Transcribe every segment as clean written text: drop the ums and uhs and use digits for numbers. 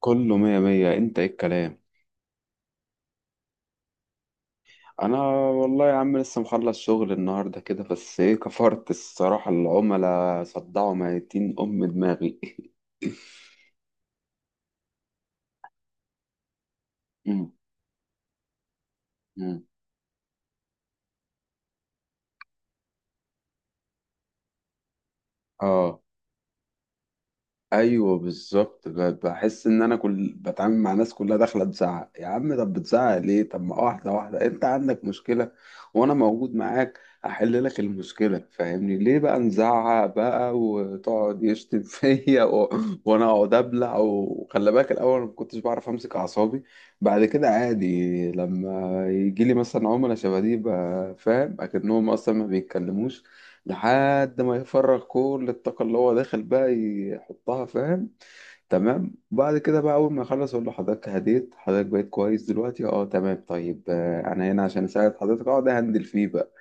كله مية مية، انت ايه الكلام؟ انا والله يا عم لسه مخلص شغل النهاردة كده، بس ايه كفرت الصراحة. العملاء صدعوا ميتين ام دماغي. مم. مم. اه، ايوه بالظبط. بحس ان انا كل بتعامل مع ناس كلها داخله تزعق. يا عم طب بتزعق ليه؟ طب ما واحده انت عندك مشكله وانا موجود معاك، احل لك المشكله، فاهمني؟ ليه بقى نزعق بقى وتقعد يشتم فيا وانا اقعد ابلع. وخلي بالك، الاول ما كنتش بعرف امسك اعصابي. بعد كده عادي، لما يجي لي مثلا عملاء شبه دي بقى، فاهم، اكنهم اصلا ما بيتكلموش لحد ما يفرغ كل الطاقة اللي هو داخل بقى يحطها، فاهم. تمام. بعد كده بقى أول ما يخلص أقول له حضرتك هديت، حضرتك بقيت كويس دلوقتي، أه تمام طيب، أنا هنا عشان أساعد حضرتك. أقعد أهندل فيه بقى.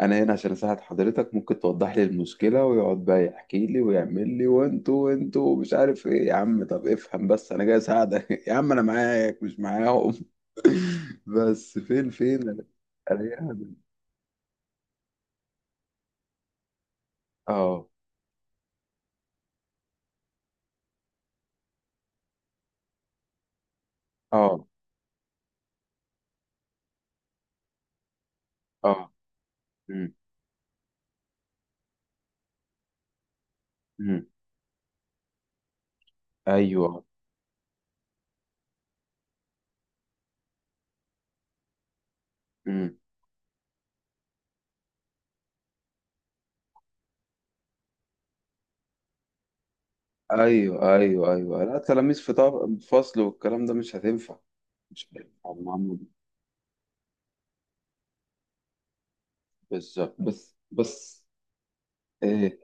أنا هنا عشان أساعد حضرتك، ممكن توضح لي المشكلة؟ ويقعد بقى يحكي لي ويعمل لي وأنتوا وأنتوا مش عارف إيه. يا عم طب افهم بس، أنا جاي أساعدك يا عم أنا معاك مش معاهم. بس فين فين ألاقي أهدى. أه. أه. أه. مم. ايوه. امم. ايوه، لا تلاميذ في فصل، والكلام ده مش هتنفع. مش هينفع معمول. بالظبط. بس ايه.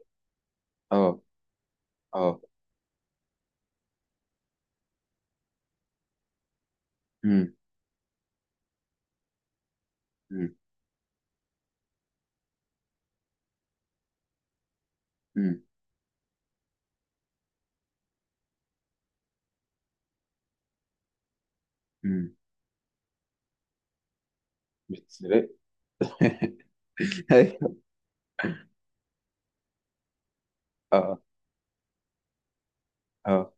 اه. اه. امم. امم. امم. امم. بتسرق. ايوه. اه. اه.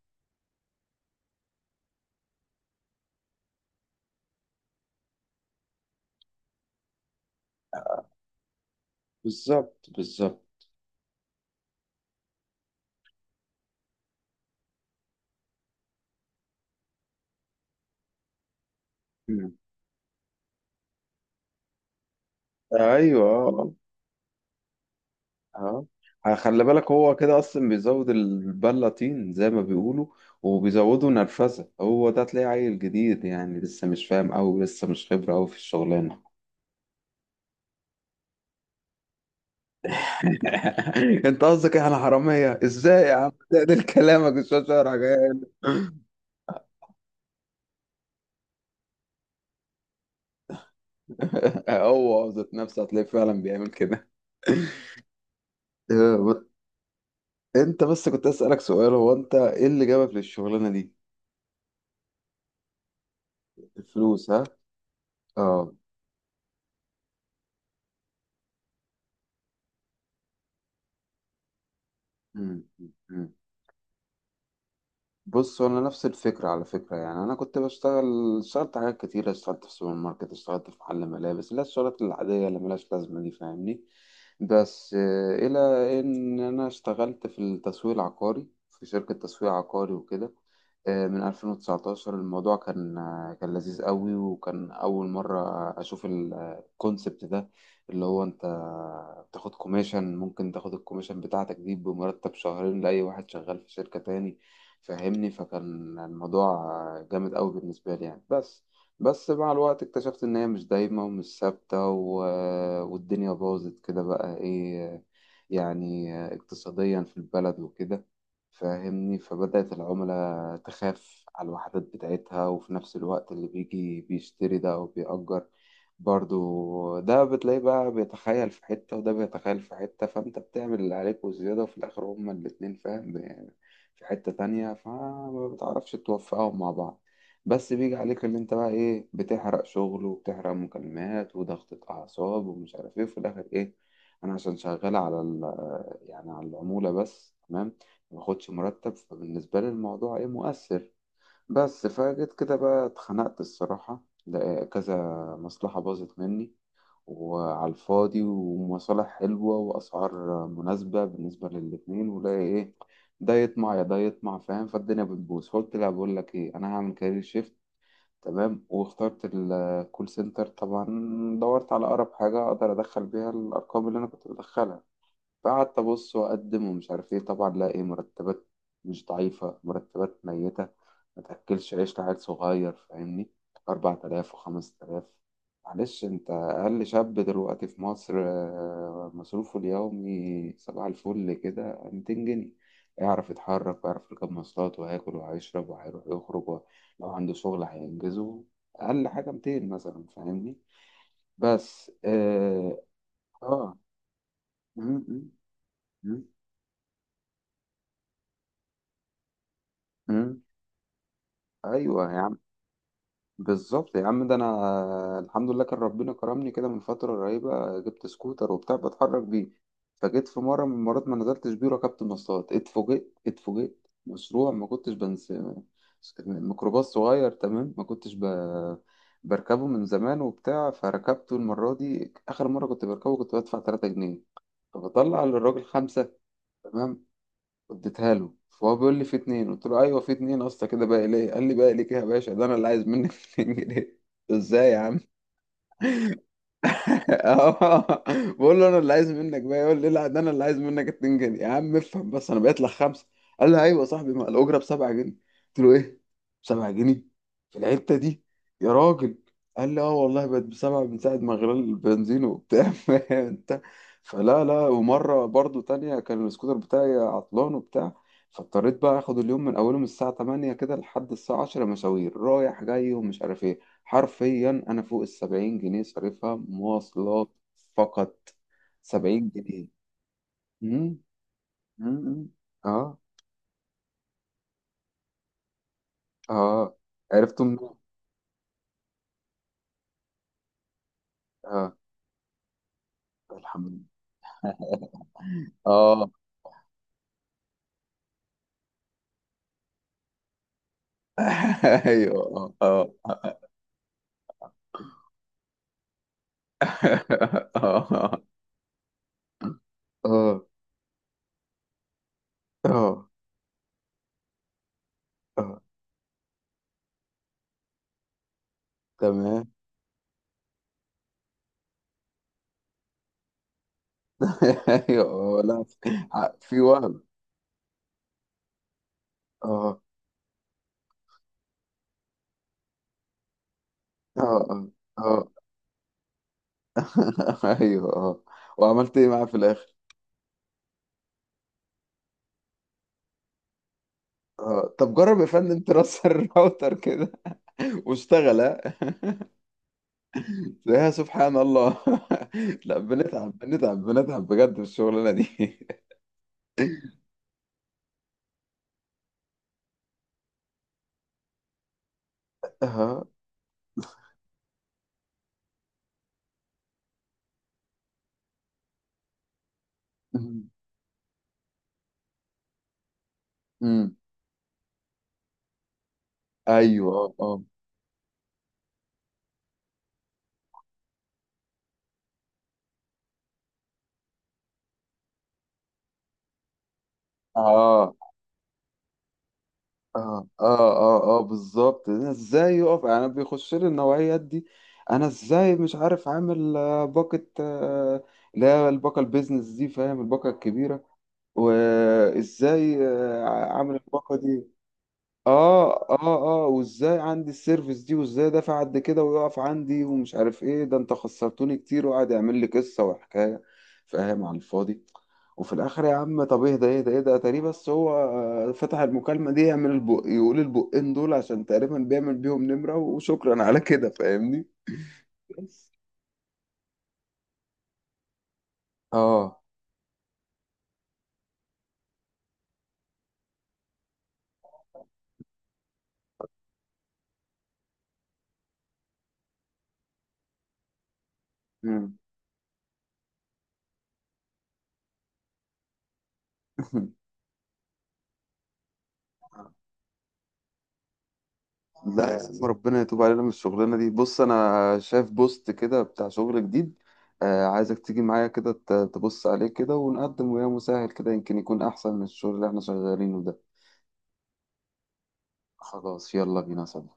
بالظبط. مم. ايوه. اه. اه. آه. خلي بالك هو كده اصلا بيزود البله طين زي ما بيقولوا، وبيزودوا نرفزه. هو ده تلاقيه عيل جديد يعني، لسه مش فاهم قوي، لسه مش خبره قوي في الشغلانه. انت قصدك احنا حراميه؟ ازاي يا عم؟ تقلل كلامك، الشاشه شعرك عيال. هو ذات نفسه هتلاقيه فعلا بيعمل كده. اه، ب- انت بس كنت اسالك سؤال، هو انت ايه اللي جابك للشغلانه دي؟ الفلوس ها. اه. مم. بص انا نفس الفكره على فكره يعني. انا كنت بشتغل، اشتغلت حاجات كتير، اشتغلت في سوبر ماركت، اشتغلت في محل ملابس، اللي هي الشغلات العاديه اللي ملهاش لازمه دي فاهمني. بس آه، الى ان انا اشتغلت في التسويق العقاري، في شركه تسويق عقاري وكده. من 2019 الموضوع كان كان لذيذ قوي، وكان اول مره اشوف الكونسبت ده، اللي هو انت بتاخد كوميشن، ممكن تاخد الكوميشن بتاعتك دي بمرتب شهرين لاي واحد شغال في شركه تاني، فهمني. فكان الموضوع جامد قوي بالنسبة لي يعني. بس مع الوقت اكتشفت ان هي مش دايمة ومش ثابتة والدنيا باظت كده بقى ايه، يعني اقتصاديا في البلد وكده، فاهمني. فبدأت العملاء تخاف على الوحدات بتاعتها، وفي نفس الوقت اللي بيجي بيشتري ده أو بيأجر برضو ده بتلاقيه بقى بيتخيل في حتة، وده بيتخيل في حتة، فأنت بتعمل اللي عليك وزيادة، وفي الآخر هما الاتنين، فاهم، في حتة تانية، فما بتعرفش توفقهم مع بعض. بس بيجي عليك اللي انت بقى ايه، بتحرق شغل وبتحرق مكالمات وضغطة أعصاب ومش عارف ايه، وفي الآخر ايه؟ أنا عشان شغال على يعني على العمولة بس، تمام، مباخدش مرتب. فبالنسبة لي الموضوع ايه، مؤثر. بس فجيت كده بقى اتخنقت الصراحة، ده كذا مصلحة باظت مني وعلى الفاضي، ومصالح حلوة وأسعار مناسبة بالنسبة للاتنين، ولاقي إيه، ده يطمع يا ده يطمع فاهم، فالدنيا بتبوظ. فقلت لا، بقول لك إيه، أنا هعمل كارير شيفت، تمام. واخترت الكول سنتر طبعا. دورت على أقرب حاجة أقدر أدخل بيها الأرقام اللي أنا كنت بدخلها، فقعدت أبص وأقدم ومش عارف إيه. طبعا لاقي مرتبات مش ضعيفة، مرتبات ميتة، ما تاكلش عيش لعيل صغير فاهمني. 4000 و5000. معلش انت اقل شاب دلوقتي في مصر، مصروفه اليومي صباح الفل كده 200 جنيه، يعرف يتحرك ويعرف يركب مواصلات وهياكل وهيشرب وهيروح يخرج لو عنده شغل هينجزه. اقل حاجه 200 مثلا فاهمني. بس اه, آه. م- م- م- م. ايوه يا. بالظبط يا عم، ده انا الحمد لله كان ربنا كرمني كده من فتره قريبه، جبت سكوتر وبتاع بتحرك بيه. فجيت في مره من المرات ما نزلتش بيه، ركبت مواصلات، اتفوجئت مشروع، ما كنتش بنس، ميكروباص صغير تمام، ما كنتش بركبه من زمان وبتاع. فركبته المره دي، اخر مره كنت بركبه كنت بدفع 3 جنيه، فبطلع للراجل خمسة، تمام، اديتها له. فهو بيقول لي في اتنين، قلت له ايوه في اتنين اصلا كده، باقي ليه؟ قال لي باقي ليك إيه يا باشا؟ ده انا اللي عايز منك 200 جنيه. ازاي يا عم؟ اه، بقول له انا اللي عايز منك بقى، يقول لي لا ده انا اللي عايز منك 2 جنيه. يا عم افهم بس، انا بقيت لك خمسه. قال لي ايوه يا صاحبي، ما الاجره ب 7 جنيه. قلت له ايه؟ ب 7 جنيه؟ في الحته دي؟ يا راجل. قال لي اه والله، بقت بسبعة من ساعة ما غلى البنزين وبتاع فاهم انت. فلا لا ومرة برضو تانية كان السكوتر بتاعي عطلان وبتاع، فاضطريت بقى اخد اليوم من اوله، من الساعة 8 كده لحد الساعة 10، مشاوير رايح جاي ومش عارف ايه. حرفيا انا فوق السبعين جنيه صارفها مواصلات فقط. سبعين جنيه. مم، مم، مم. اه. اه. عرفتم منين؟ اه. الحمد لله. اه. ايوه. اه. اه. اه. اه. اه. آه. تمام. ايوه. لا في، في وهم. اه. اه. اه. اه. ايوه. اه. وعملت ايه معاه في الاخر؟ اه طب جرب يا فندم ترسل الراوتر كده واشتغل. تلاقيها سبحان الله. لا بنتعب بنتعب بجد في الشغلانه دي. اه. أمم، أمم. ايوه. اه. اه. اه. اه. اه. اه. بالظبط. أنا ازاي يقف يعني؟ انا بيخش لي النوعيات دي، انا ازاي مش عارف عامل باقه، اللي هي الباقه البيزنس دي، فاهم، الباقه الكبيره، وازاي عامل الباقه دي. اه. اه. اه. وازاي عندي السيرفيس دي، وازاي دافع قد كده ويقف عندي ومش عارف ايه، ده انت خسرتوني كتير، وقعد يعمل لي قصه وحكايه، فاهم، على الفاضي. وفي الاخر يا عم طب ايه ده؟ ايه ده؟ ايه ده؟ تقريبا بس هو فتح المكالمه دي يعمل البق، يقول البقين دول عشان تقريبا بيعمل بيهم نمره، وشكرا على كده فاهمني. بس اه مم. لا يا عم ربنا يتوب علينا من الشغلانة دي. بص أنا شايف بوست كده بتاع شغل جديد، آه عايزك تيجي معايا كده تبص عليه كده ونقدم وياه مساعد كده، يمكن يكون أحسن من الشغل اللي احنا شغالينه ده. خلاص يلا بينا صديقي.